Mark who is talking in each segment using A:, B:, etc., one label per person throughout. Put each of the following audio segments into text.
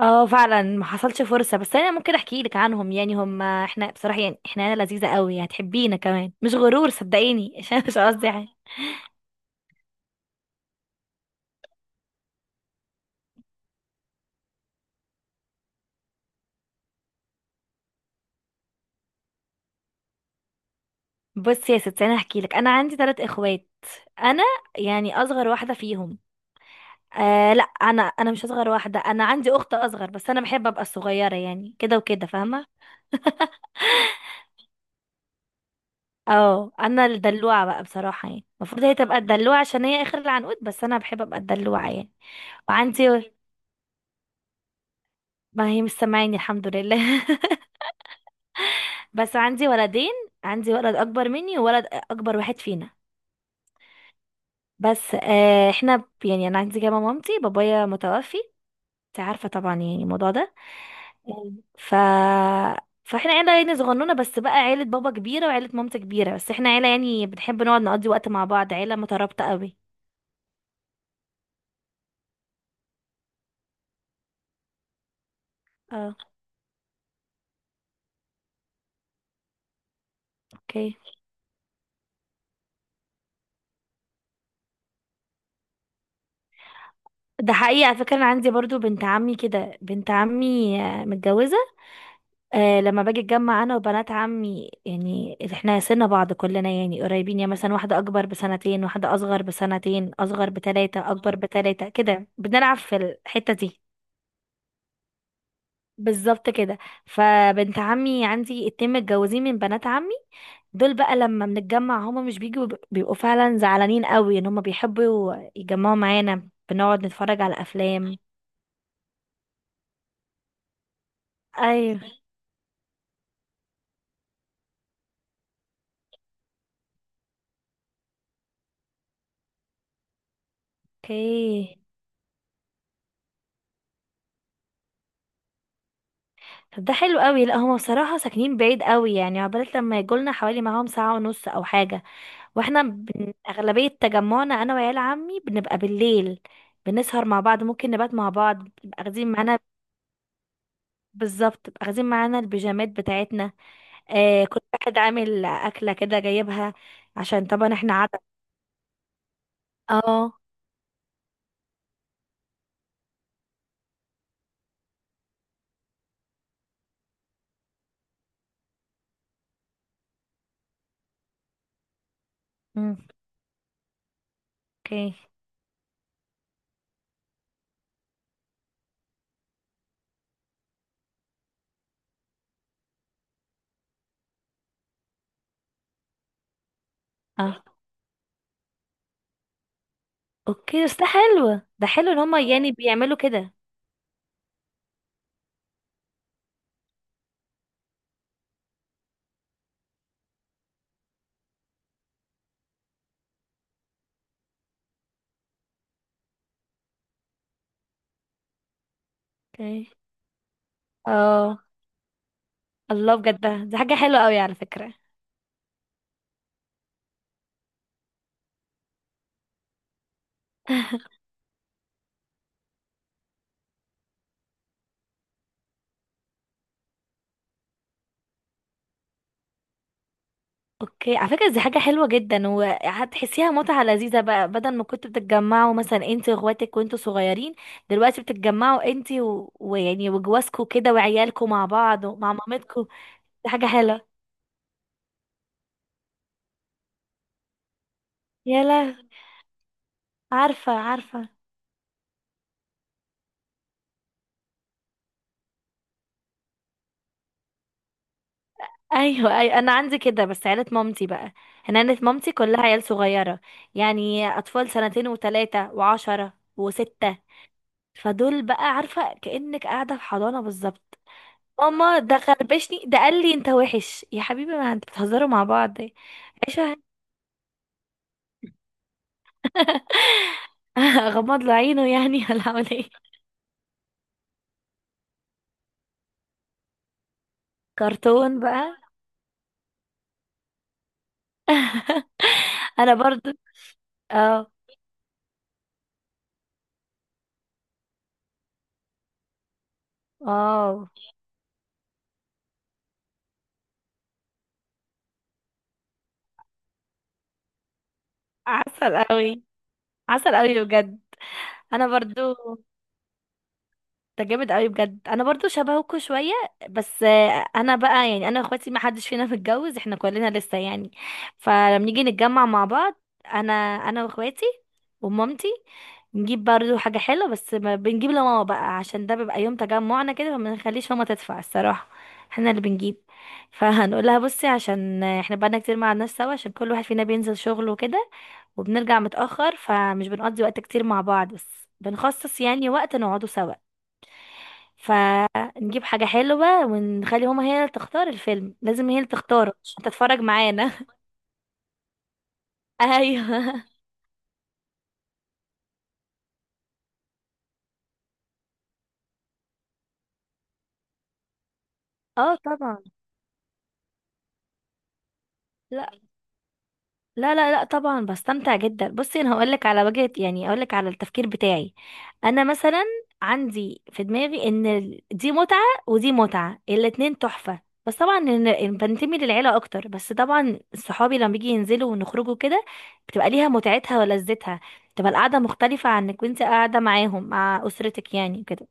A: اه، فعلا ما حصلش فرصة، بس انا ممكن احكي لك عنهم. يعني احنا بصراحة، يعني احنا عيلة لذيذة قوي، هتحبينا كمان، مش غرور صدقيني. عشان مش قصدي حاجة. بصي يا ستي، انا هحكي لك. انا عندي 3 اخوات. انا يعني اصغر واحدة فيهم. آه لا انا مش اصغر واحدة، انا عندي اخت اصغر، بس انا بحب ابقى الصغيرة يعني، كده وكده فاهمة. اه، انا الدلوعة بقى بصراحة. يعني المفروض هي تبقى الدلوعة عشان هي اخر العنقود، بس انا بحب ابقى الدلوعة يعني. وعندي، ما هي مش سامعاني الحمد لله. بس عندي ولدين، عندي ولد اكبر مني وولد اكبر واحد فينا. بس احنا يعني انا عندي كمان مامتي، بابايا متوفي، انت عارفه طبعا يعني الموضوع ده. آه، ف فاحنا عيله يعني صغنونه، بس بقى عيله بابا كبيره وعيله مامتي كبيره، بس احنا عيله يعني بنحب نقعد نقضي وقت مع بعض، عيله مترابطه قوي. اه، اوكي. ده حقيقي على فكره، انا عندي برضو بنت عمي كده، بنت عمي آه، متجوزه. آه، لما باجي اتجمع انا وبنات عمي، يعني احنا سن بعض كلنا يعني قريبين، يعني مثلا واحده اكبر بسنتين، واحده اصغر بسنتين، اصغر بتلاتة، اكبر بتلاتة، كده بنلعب في الحته دي. بالظبط كده. فبنت عمي عندي اتنين متجوزين من بنات عمي، دول بقى لما بنتجمع هما مش بيجوا، بيبقوا فعلا زعلانين قوي، ان هما بيحبوا يجمعوا معانا. بنقعد نتفرج على افلام. ايوه، اوكي. طب ده حلو قوي. لا هما بصراحة ساكنين بعيد قوي، يعني عقبال لما يجولنا حوالي معاهم ساعة ونص او حاجة. اغلبية تجمعنا انا وعيال عمي بنبقى بالليل، بنسهر مع بعض، ممكن نبات مع بعض. بنبقى اخدين معانا، بالظبط بنبقى اخدين معانا البيجامات بتاعتنا. آه، كل واحد عامل اكلة كده جايبها، عشان طبعا احنا عدد. اه، أمم، اوكي. اه، اوكي، بس ده حلو، ده حلو ان هما يعني بيعملوا كده. اوكي. اه، الله بجد، ده دي حاجة حلوة قوي على فكرة. اوكي، على فكره دي حاجه حلوه جدا، وهتحسيها متعه لذيذه بقى. بدل ما كنتوا بتتجمعوا مثلا انت واخواتك وانتوا صغيرين، دلوقتي بتتجمعوا انت و... ويعني وجوازكوا كده وعيالكوا مع بعض ومع مامتكوا. دي حاجه حلوه. يا لا، عارفه عارفه. ايوه ايوه، انا عندي كده بس عيله مامتي بقى. انا عيله مامتي كلها عيال صغيره، يعني اطفال سنتين وثلاثه وعشرة وستة. فدول بقى عارفه كانك قاعده في حضانه بالظبط. ماما ده خربشني، ده قال لي انت وحش يا حبيبي، ما انت بتهزروا مع بعض. عيشة. غمض له عينه يعني ولا اعمل ايه. كرتون بقى. انا برضو، اه اه. عسل قوي، عسل قوي بجد. انا برضو ده جامد قوي بجد. انا برضو شبهكوا شويه، بس آه، انا بقى يعني انا واخواتي ما حدش فينا متجوز، احنا كلنا لسه يعني. فلما نيجي نتجمع مع بعض، انا، انا واخواتي، ومامتي، نجيب برضو حاجه حلوه، بس ما بنجيب لماما بقى عشان ده بيبقى يوم تجمعنا كده، فما نخليش ماما تدفع الصراحه، احنا اللي بنجيب. فهنقول لها بصي، عشان احنا بقالنا كتير ما قعدناش سوا، عشان كل واحد فينا بينزل شغله وكده، وبنرجع متاخر، فمش بنقضي وقت كتير مع بعض، بس بنخصص يعني وقت نقعده سوا. فنجيب حاجة حلوة، ونخلي هما هي اللي تختار الفيلم، لازم هي اللي تختاره عشان تتفرج معانا. ايوه. اه طبعا، لا، لا لا لا طبعا بستمتع جدا. بصي، انا هقولك على وجهة يعني هقولك على التفكير بتاعي. انا مثلا عندي في دماغي ان دي متعة ودي متعة، الاتنين تحفة. بس طبعا إن بنتمي للعيلة اكتر، بس طبعا صحابي لما بيجي ينزلوا ونخرجوا كده، بتبقى ليها متعتها ولذتها. بتبقى القعدة مختلفة عنك وانت قاعدة معاهم مع اسرتك يعني كده.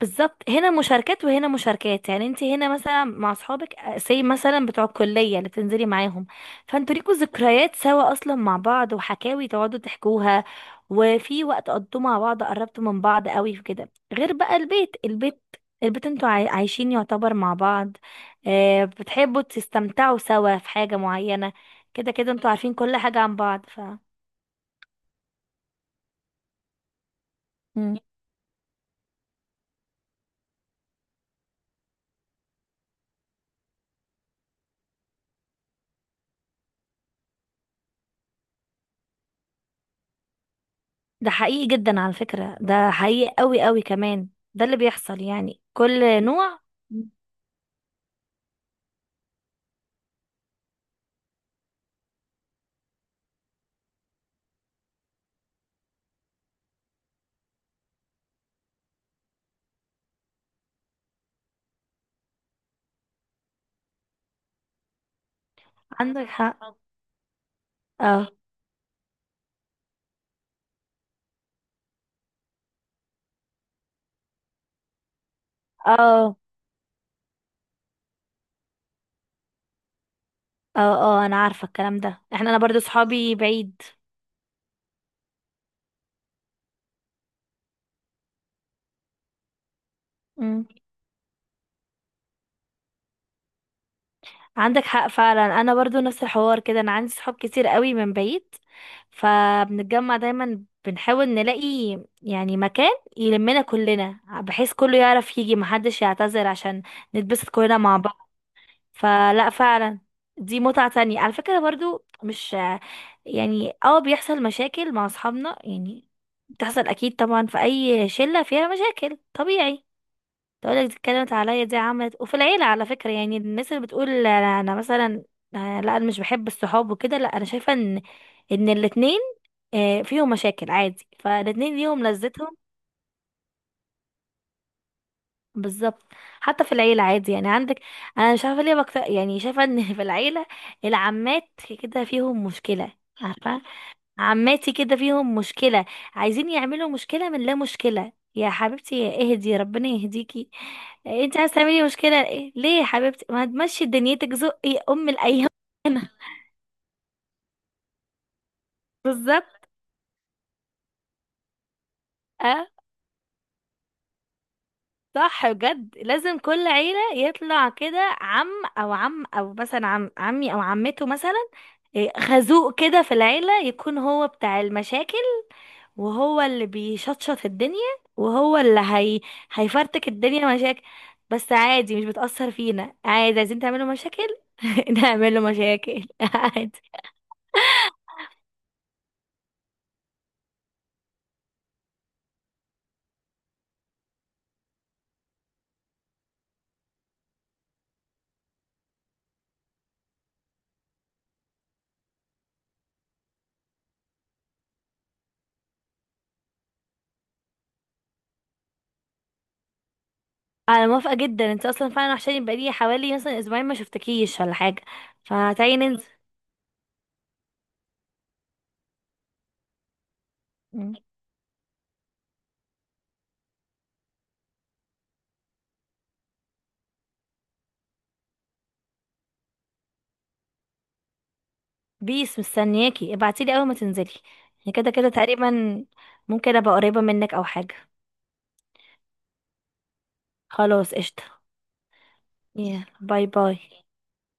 A: بالظبط، هنا مشاركات وهنا مشاركات. يعني انت هنا مثلا مع اصحابك، سي مثلا بتوع الكليه اللي بتنزلي معاهم، فانتوا ليكوا ذكريات سوا اصلا مع بعض، وحكاوي تقعدوا تحكوها، وفي وقت قضيتوه مع بعض، قربتوا من بعض قوي في كده، غير بقى البيت، البيت البيت انتوا عايشين يعتبر مع بعض. اه، بتحبوا تستمتعوا سوا في حاجه معينه. كده كده انتوا عارفين كل حاجه عن بعض ف... ده حقيقي جدا على فكرة، ده حقيقي قوي قوي كمان، ده اللي بيحصل يعني، كل نوع. عندك حق، اه اه اه اه، انا عارفة الكلام ده. احنا انا برضو صحابي بعيد. مم. عندك حق فعلا، انا برضو نفس الحوار كده، انا عندي صحاب كتير قوي من بعيد، فبنتجمع دايما، بنحاول نلاقي يعني مكان يلمنا كلنا، بحيث كله يعرف يجي، محدش يعتذر، عشان نتبسط كلنا مع... فلا فعلا، دي متعة تانية على فكرة برضو، مش يعني، اه بيحصل مشاكل مع اصحابنا يعني، بتحصل اكيد طبعا، في اي شلة فيها مشاكل طبيعي، تقولك دي اتكلمت عليا، دي عملت. وفي العيلة على فكرة، يعني الناس اللي بتقول انا، أنا مثلا آه، لا انا مش بحب الصحاب وكده، لا انا شايفة ان الاتنين آه، فيهم مشاكل عادي، فالاتنين ليهم لذتهم. بالظبط. حتى في العيلة عادي يعني، عندك، انا مش عارفة ليه بكتر، يعني شايفة ان في العيلة العمات كده فيهم مشكلة. عارفة، عماتي كده فيهم مشكلة، عايزين يعملوا مشكلة من لا مشكلة. يا حبيبتي اهدي، ربنا يهديكي، انت عايزة تعملي مشكلة ايه؟ ليه يا حبيبتي؟ ما تمشي دنيتك زقي ام الايام. بالظبط، اه، صح بجد، لازم كل عيلة يطلع كده عم، او عم، او مثلا عم عمي او عمته مثلا، إيه، خازوق كده في العيلة يكون هو بتاع المشاكل، وهو اللي بيشطشط الدنيا، وهو اللي هي... هيفرتك الدنيا مشاكل. بس عادي، مش بتأثر فينا، عادي عايزين تعملوا مشاكل. نعمل له مشاكل. عادي. انا موافقة جدا، انت اصلا فعلا وحشاني، بقالي حوالي مثلا اسبوعين ما شفتكيش ولا حاجة، فتعالي ننزل. مم. بيس مستنياكي، ابعتيلي اول ما تنزلي، يعني كده كده تقريبا ممكن ابقى قريبة منك او حاجة. خلاص قشطة، يلا باي باي.